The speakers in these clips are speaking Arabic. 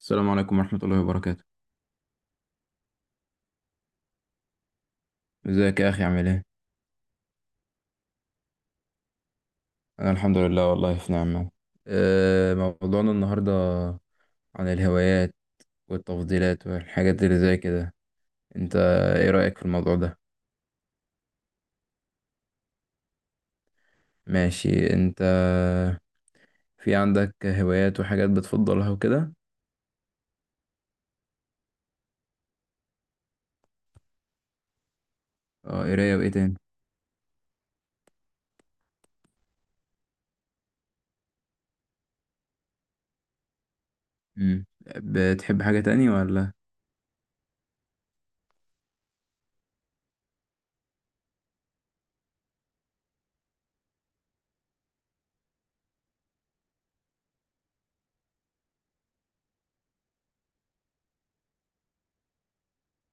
السلام عليكم ورحمة الله وبركاته. ازيك يا أخي عامل ايه؟ أنا الحمد لله والله في نعمة. موضوعنا النهاردة عن الهوايات والتفضيلات والحاجات اللي زي كده. انت ايه رأيك في الموضوع ده؟ ماشي، انت في عندك هوايات وحاجات بتفضلها وكده؟ اه، قراية وايه تاني؟ مم. بتحب حاجة تاني ولا؟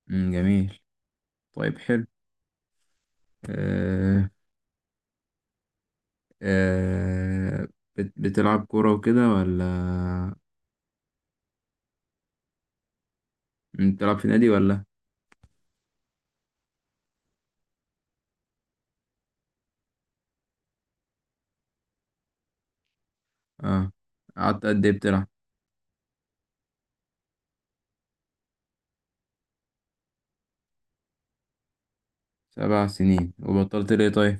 مم، جميل، طيب، حلو، أه، أه. بتلعب كورة وكده ولا؟ بتلعب في نادي ولا؟ اه، قعدت قد ايه بتلعب؟ 7 سنين، وبطلت ليه طيب؟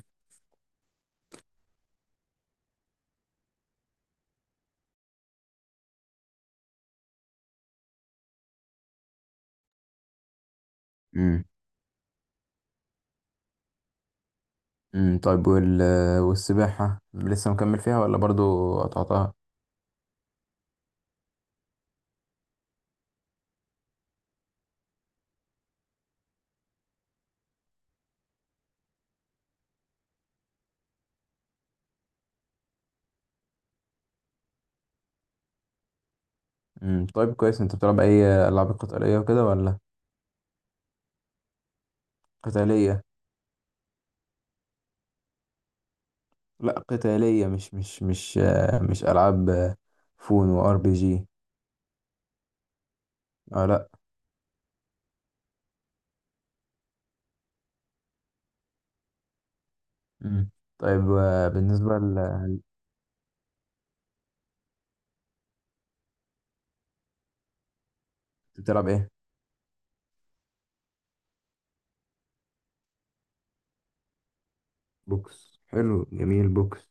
امم طيب، والسباحة لسه مكمل فيها ولا برضو قطعتها؟ طيب، كويس. انت بتلعب اي العاب قتالية وكده ولا؟ قتالية. لا، قتالية مش مش العاب، فون وار بي جي. اه، لا. مم. طيب، بتلعب ايه؟ بوكس، حلو، جميل، بوكس.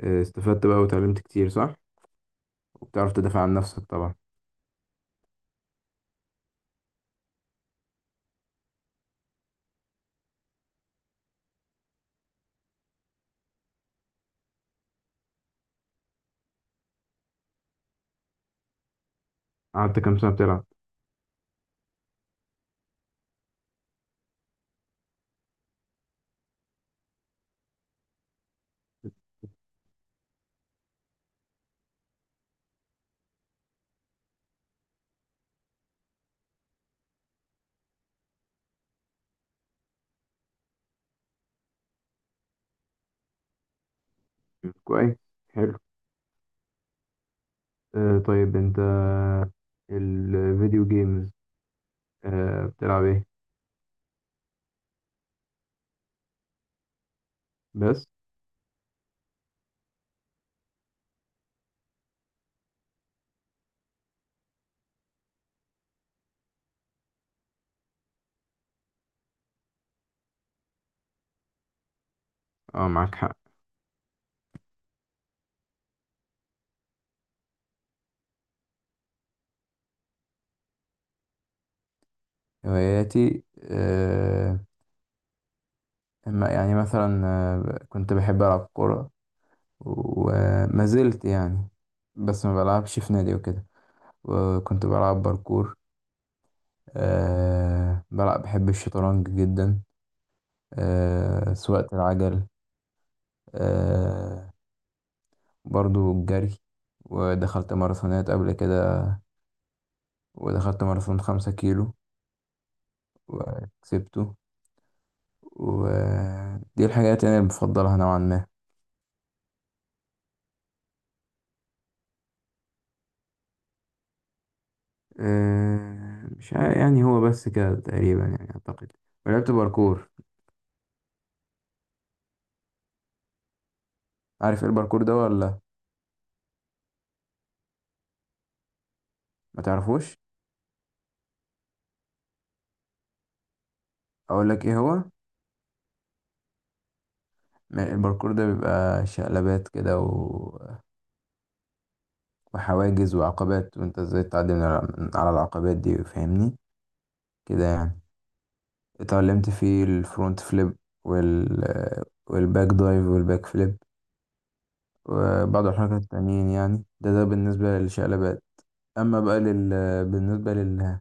استفدت بقى وتعلمت كتير، صح. وبتعرف تدافع عن نفسك طبعا. قعدت كام سنة بتلعب؟ كويس، حلو. طيب، انت الفيديو جيمز، بتلعب ايه؟ بس؟ اه، معاك حق. هواياتي، يعني مثلا كنت بحب العب كوره، وما زلت يعني، بس ما بلعبش في نادي وكده. وكنت بلعب باركور. آه بلعب بحب الشطرنج جدا. سواقة العجل. آه برضو الجري، ودخلت ماراثونات قبل كده، ودخلت ماراثون 5 كيلو وكسبته. ودي الحاجات يعني اللي بفضلها نوعا ما. مش عارف، يعني هو بس كده تقريبا يعني، أعتقد. ولعبت باركور. عارف ايه الباركور ده ولا؟ ما تعرفوش. اقول لك ايه هو. الباركور ده بيبقى شقلبات كده، وحواجز وعقبات، وانت ازاي تعدي من من على العقبات دي، فاهمني؟ كده يعني. اتعلمت فيه الفرونت فليب، وال والباك دايف والباك فليب، وبعض الحركات التانيين، يعني ده ده بالنسبة للشقلبات. أما بقى لل... بالنسبة لل...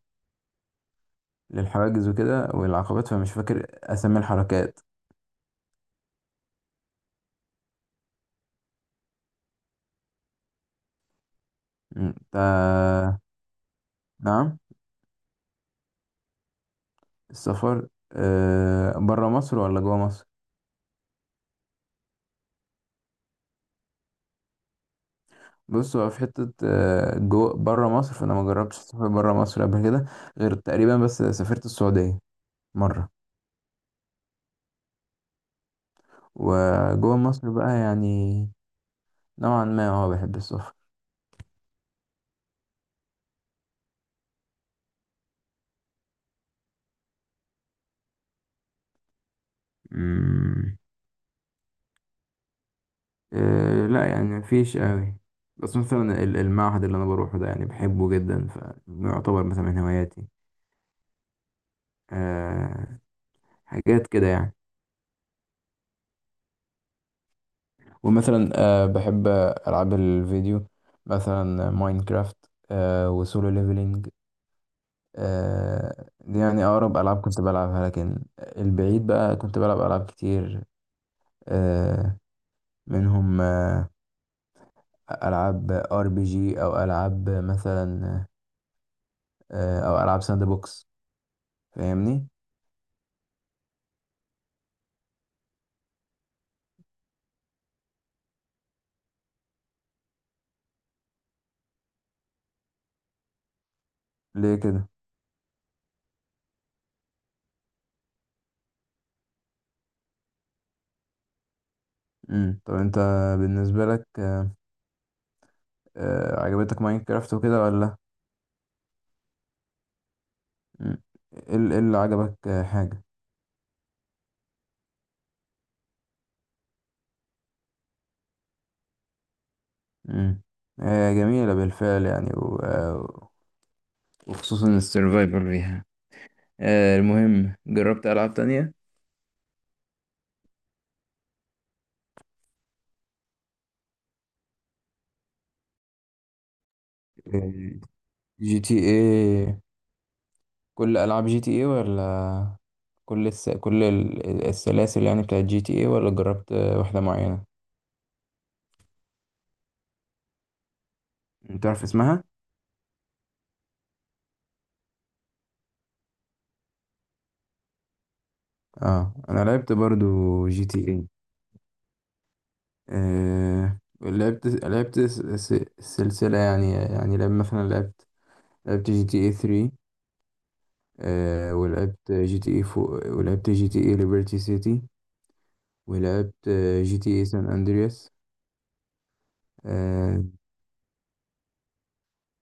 للحواجز وكده والعقبات، فمش فاكر أسامي الحركات. انت. نعم. السفر، برا مصر ولا جوا مصر؟ بص، هو في حتة، جوا برا مصر، فأنا ما جربتش السفر برا مصر قبل كده غير تقريبا، بس سافرت السعودية مرة. وجوا مصر بقى يعني، نوعا ما بحب السفر. مم. لا يعني، مفيش قوي. بس مثلا المعهد اللي انا بروحه ده يعني بحبه جدا، فيعتبر مثلا من هواياتي. أه حاجات كده يعني. ومثلا بحب العاب الفيديو، مثلا ماينكرافت، وسولو ليفلينج. دي يعني اقرب العاب كنت بلعبها، لكن البعيد بقى كنت بلعب العاب كتير، أه منهم العاب ار بي جي، او العاب مثلا، او العاب ساند بوكس، فاهمني؟ ليه كده؟ طب انت، بالنسبة لك عجبتك ماينكرافت وكده ولا؟ مم. إيه اللي عجبك، حاجة؟ امم جميلة بالفعل يعني، و... آه، وخصوصا السيرفايفل فيها. المهم جربت ألعاب تانية. جي تي ايه. كل ألعاب جي تي ايه، ولا كل الس... كل ال- السلاسل يعني بتاعت جي تي ايه، ولا جربت واحدة معينة؟ انت عارف اسمها؟ اه انا لعبت برضو جي تي ايه. آه لعبت لعبت الس- الس- السلسلة، يعني مثلا لعبت، لعبت جي تي اي 3. ولعبت جي تي اي 4، ولعبت جي تي اي ليبرتي سيتي، ولعبت جي تي اي سان اندرياس. آه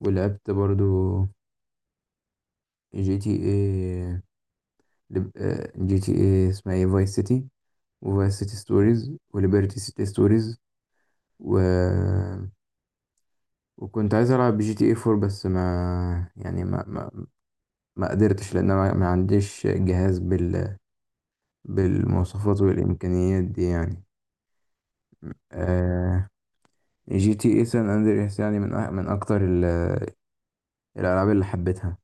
ولعبت برضو جي تي اي، اسمها ايه، فايس سيتي، وفايس سيتي ستوريز، وليبرتي سيتي ستوريز. و وكنت عايز العب جي تي اي 4، بس ما ما قدرتش، لان أنا ما عنديش جهاز بالمواصفات والامكانيات دي يعني. آه... جي تي اي سان اندريس يعني من اكتر الالعاب اللي حبيتها.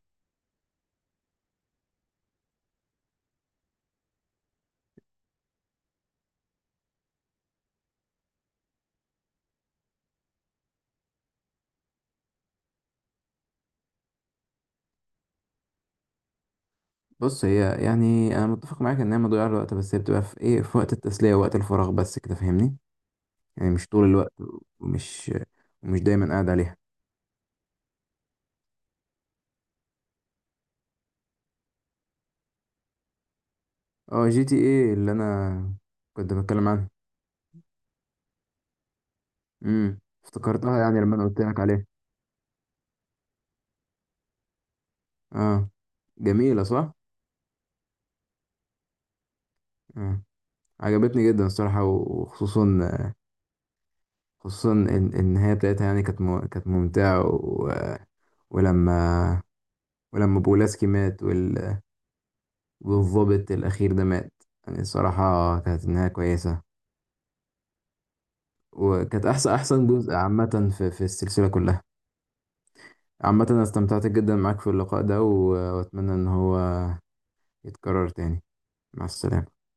بص، هي يعني انا متفق معاك ان هي مضيعه للوقت، بس هي بتبقى في ايه، في وقت التسليه ووقت الفراغ، بس كده، فاهمني؟ يعني مش طول الوقت، ومش ومش دايما قاعد عليها. اه، جي تي ايه اللي انا كنت بتكلم عنها. افتكرتها يعني لما انا قلت لك عليها. اه، جميله صح. آه. عجبتني جدا الصراحة، وخصوصا النهاية بتاعتها يعني كانت، كانت ممتعة، و... ولما ولما بولاسكي مات، والضابط الأخير ده مات، يعني الصراحة كانت النهاية كويسة. وكانت أحسن أحسن جزء عامة في السلسلة كلها. عامة أنا استمتعت جدا معاك في اللقاء ده، وأتمنى إن هو يتكرر تاني. مع السلامة.